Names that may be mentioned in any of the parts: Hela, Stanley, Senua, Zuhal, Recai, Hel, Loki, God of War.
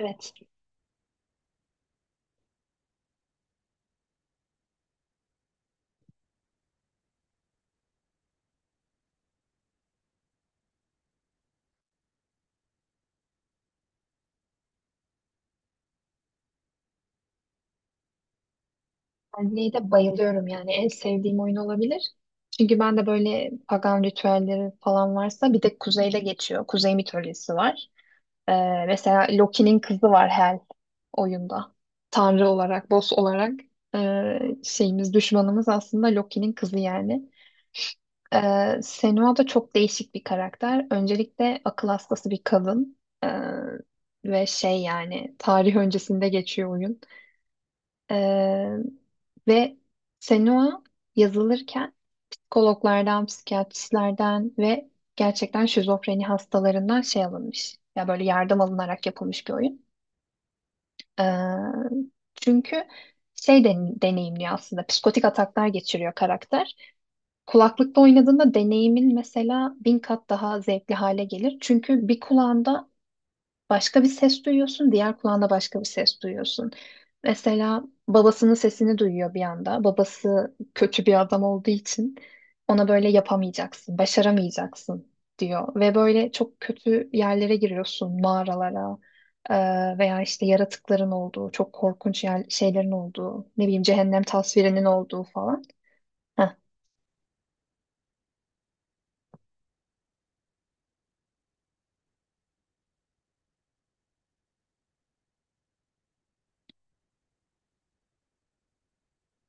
Evet, Stanley'e de bayılıyorum, yani en sevdiğim oyun olabilir. Çünkü ben de böyle pagan ritüelleri falan varsa, bir de kuzeyde geçiyor. Kuzey mitolojisi var. Mesela Loki'nin kızı var, Hel oyunda. Tanrı olarak, boss olarak şeyimiz, düşmanımız aslında Loki'nin kızı yani. Senua da çok değişik bir karakter. Öncelikle akıl hastası bir kadın. Ee, ve şey, yani tarih öncesinde geçiyor oyun. Ee, ve Senua yazılırken psikologlardan, psikiyatristlerden ve gerçekten şizofreni hastalarından şey alınmış. Ya böyle yardım alınarak yapılmış bir oyun. Ee, Çünkü deneyimliyor aslında. Psikotik ataklar geçiriyor karakter. Kulaklıkla oynadığında deneyimin mesela bin kat daha zevkli hale gelir. Çünkü bir kulağında başka bir ses duyuyorsun, diğer kulağında başka bir ses duyuyorsun. Mesela babasının sesini duyuyor bir anda. Babası kötü bir adam olduğu için ona böyle yapamayacaksın, başaramayacaksın diyor. Ve böyle çok kötü yerlere giriyorsun, mağaralara veya işte yaratıkların olduğu, çok korkunç yer, şeylerin olduğu, ne bileyim cehennem tasvirinin olduğu falan.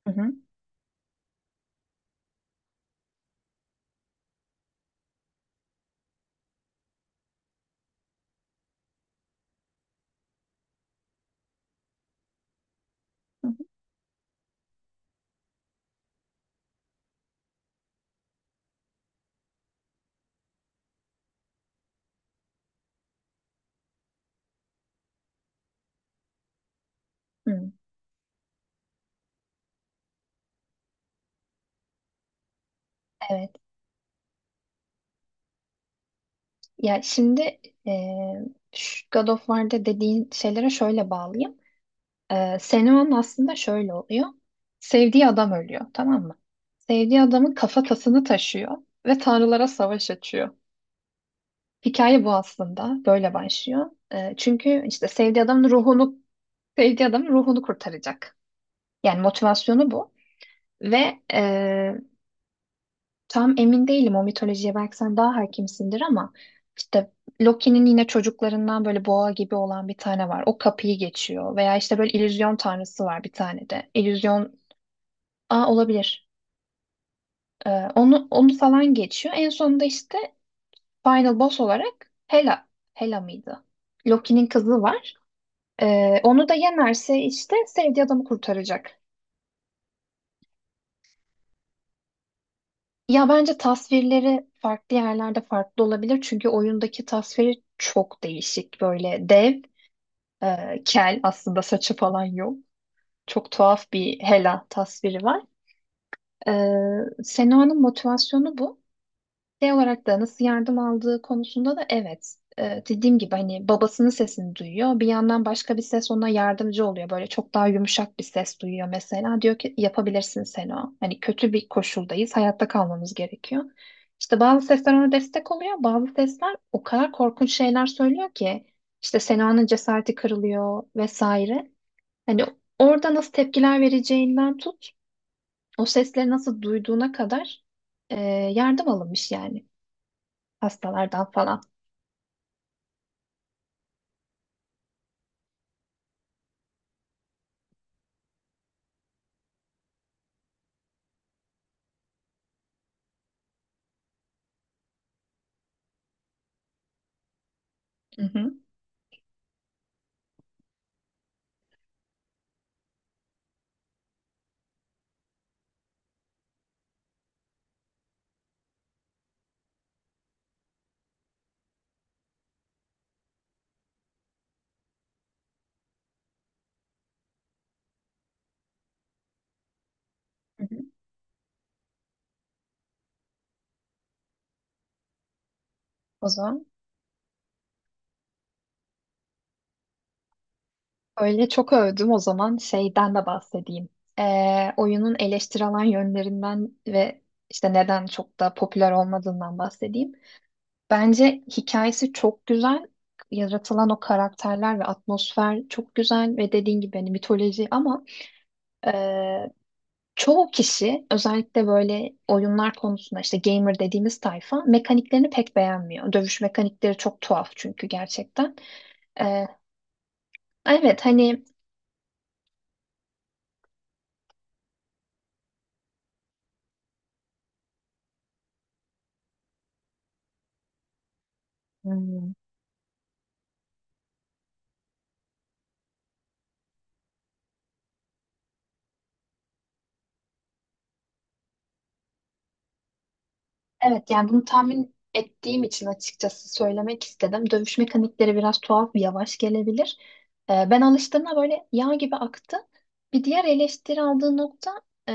Hı hı. Hı hı. Hı. Evet. Ya şimdi e, şu God of War'da dediğin şeylere şöyle bağlayayım. Senua'nın aslında şöyle oluyor. Sevdiği adam ölüyor, tamam mı? Sevdiği adamın kafatasını taşıyor ve tanrılara savaş açıyor. Hikaye bu aslında. Böyle başlıyor. Çünkü işte sevdiği adamın ruhunu sevdiği adamın ruhunu kurtaracak. Yani motivasyonu bu. Ve tam emin değilim, o mitolojiye belki sen daha hakimsindir ama işte Loki'nin yine çocuklarından böyle boğa gibi olan bir tane var. O kapıyı geçiyor. Veya işte böyle illüzyon tanrısı var bir tane de. İllüzyon... Aa, olabilir. Ee, onu falan geçiyor. En sonunda işte Final Boss olarak Hela. Hela mıydı? Loki'nin kızı var. Onu da yenerse işte sevdiği adamı kurtaracak. Ya bence tasvirleri farklı yerlerde farklı olabilir. Çünkü oyundaki tasviri çok değişik. Böyle dev, kel, aslında saçı falan yok. Çok tuhaf bir Hela tasviri var. Senoa'nın motivasyonu bu. Şey olarak da nasıl yardım aldığı konusunda da evet. Dediğim gibi hani babasının sesini duyuyor. Bir yandan başka bir ses ona yardımcı oluyor. Böyle çok daha yumuşak bir ses duyuyor mesela. Diyor ki yapabilirsin Sena. Hani kötü bir koşuldayız. Hayatta kalmamız gerekiyor. İşte bazı sesler ona destek oluyor. Bazı sesler o kadar korkunç şeyler söylüyor ki işte Sena'nın cesareti kırılıyor vesaire. Hani orada nasıl tepkiler vereceğinden tut, o sesleri nasıl duyduğuna kadar e, yardım alınmış yani. Pastalardan falan. Hı hı. Hı hı. O zaman öyle çok övdüm. O zaman şeyden de bahsedeyim. Oyunun eleştirilen yönlerinden ve işte neden çok da popüler olmadığından bahsedeyim. Bence hikayesi çok güzel. Yaratılan o karakterler ve atmosfer çok güzel ve dediğin gibi hani mitoloji ama e, çoğu kişi özellikle böyle oyunlar konusunda işte gamer dediğimiz tayfa mekaniklerini pek beğenmiyor. Dövüş mekanikleri çok tuhaf çünkü gerçekten. E, evet hani Hmm. Evet yani bunu tahmin ettiğim için açıkçası söylemek istedim. Dövüş mekanikleri biraz tuhaf, yavaş gelebilir. Ben alıştığımda böyle yağ gibi aktı. Bir diğer eleştiri aldığı nokta, e,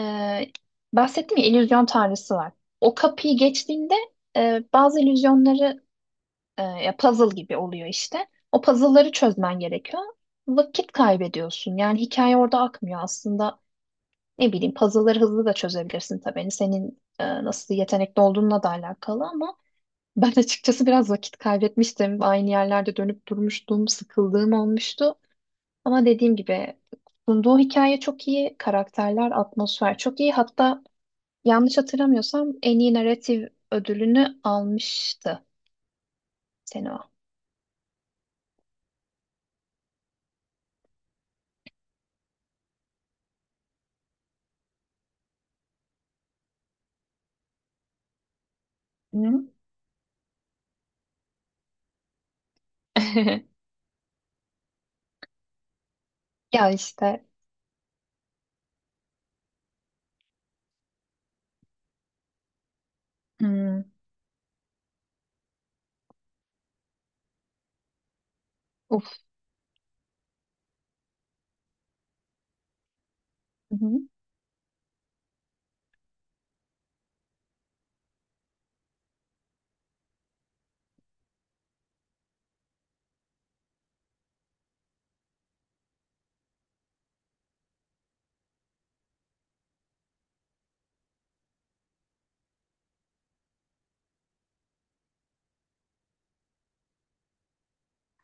bahsettim ya illüzyon tanrısı var. O kapıyı geçtiğinde bazı illüzyonları, ya puzzle gibi oluyor işte. O puzzle'ları çözmen gerekiyor. Vakit kaybediyorsun. Yani hikaye orada akmıyor aslında. Ne bileyim puzzle'ları hızlı da çözebilirsin tabii. Hani senin nasıl yetenekli olduğunla da alakalı ama ben açıkçası biraz vakit kaybetmiştim. Aynı yerlerde dönüp durmuştum, sıkıldığım olmuştu. Ama dediğim gibi sunduğu hikaye çok iyi, karakterler, atmosfer çok iyi. Hatta yanlış hatırlamıyorsam en iyi narratif ödülünü almıştı Senua. Ya işte Hmm. Uf.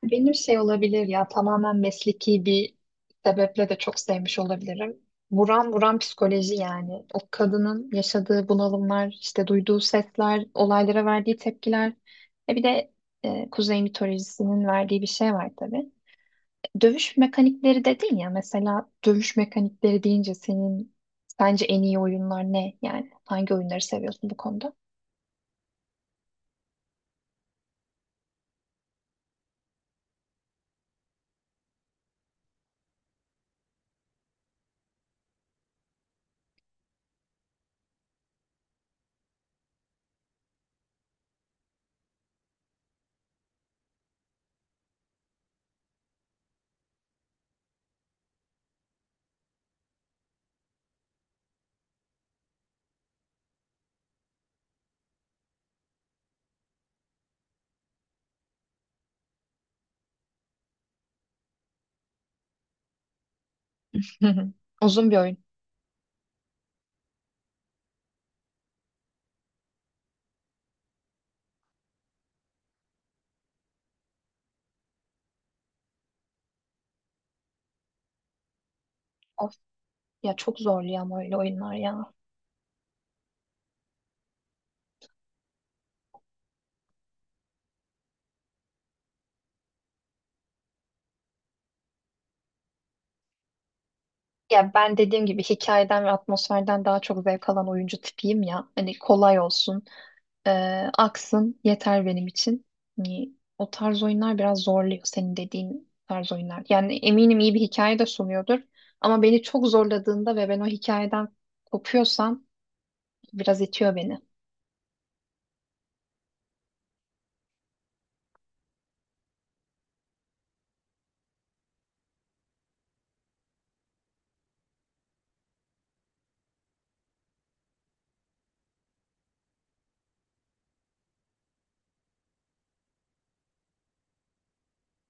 Benim şey olabilir ya, tamamen mesleki bir sebeple de çok sevmiş olabilirim. Buram buram psikoloji yani. O kadının yaşadığı bunalımlar, işte duyduğu sesler, olaylara verdiği tepkiler. E bir de Kuzey mitolojisinin verdiği bir şey var tabii. Dövüş mekanikleri dedin ya, mesela dövüş mekanikleri deyince senin sence en iyi oyunlar ne? Yani hangi oyunları seviyorsun bu konuda? Hı hı. Uzun bir oyun. Of, ya çok zorluyor ama öyle oyunlar ya. Ya ben dediğim gibi hikayeden ve atmosferden daha çok zevk alan oyuncu tipiyim ya. Hani kolay olsun, e, aksın yeter benim için. Hani o tarz oyunlar biraz zorluyor, senin dediğin tarz oyunlar. Yani eminim iyi bir hikaye de sunuyordur. Ama beni çok zorladığında ve ben o hikayeden kopuyorsam biraz itiyor beni.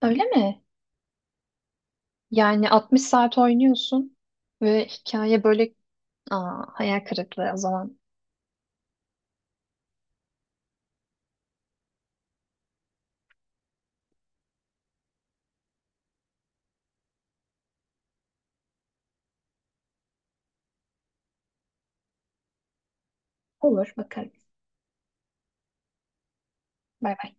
Öyle mi? Yani 60 saat oynuyorsun ve hikaye böyle... Aa, hayal kırıklığı o zaman. Olur, bakarız. Bay bay.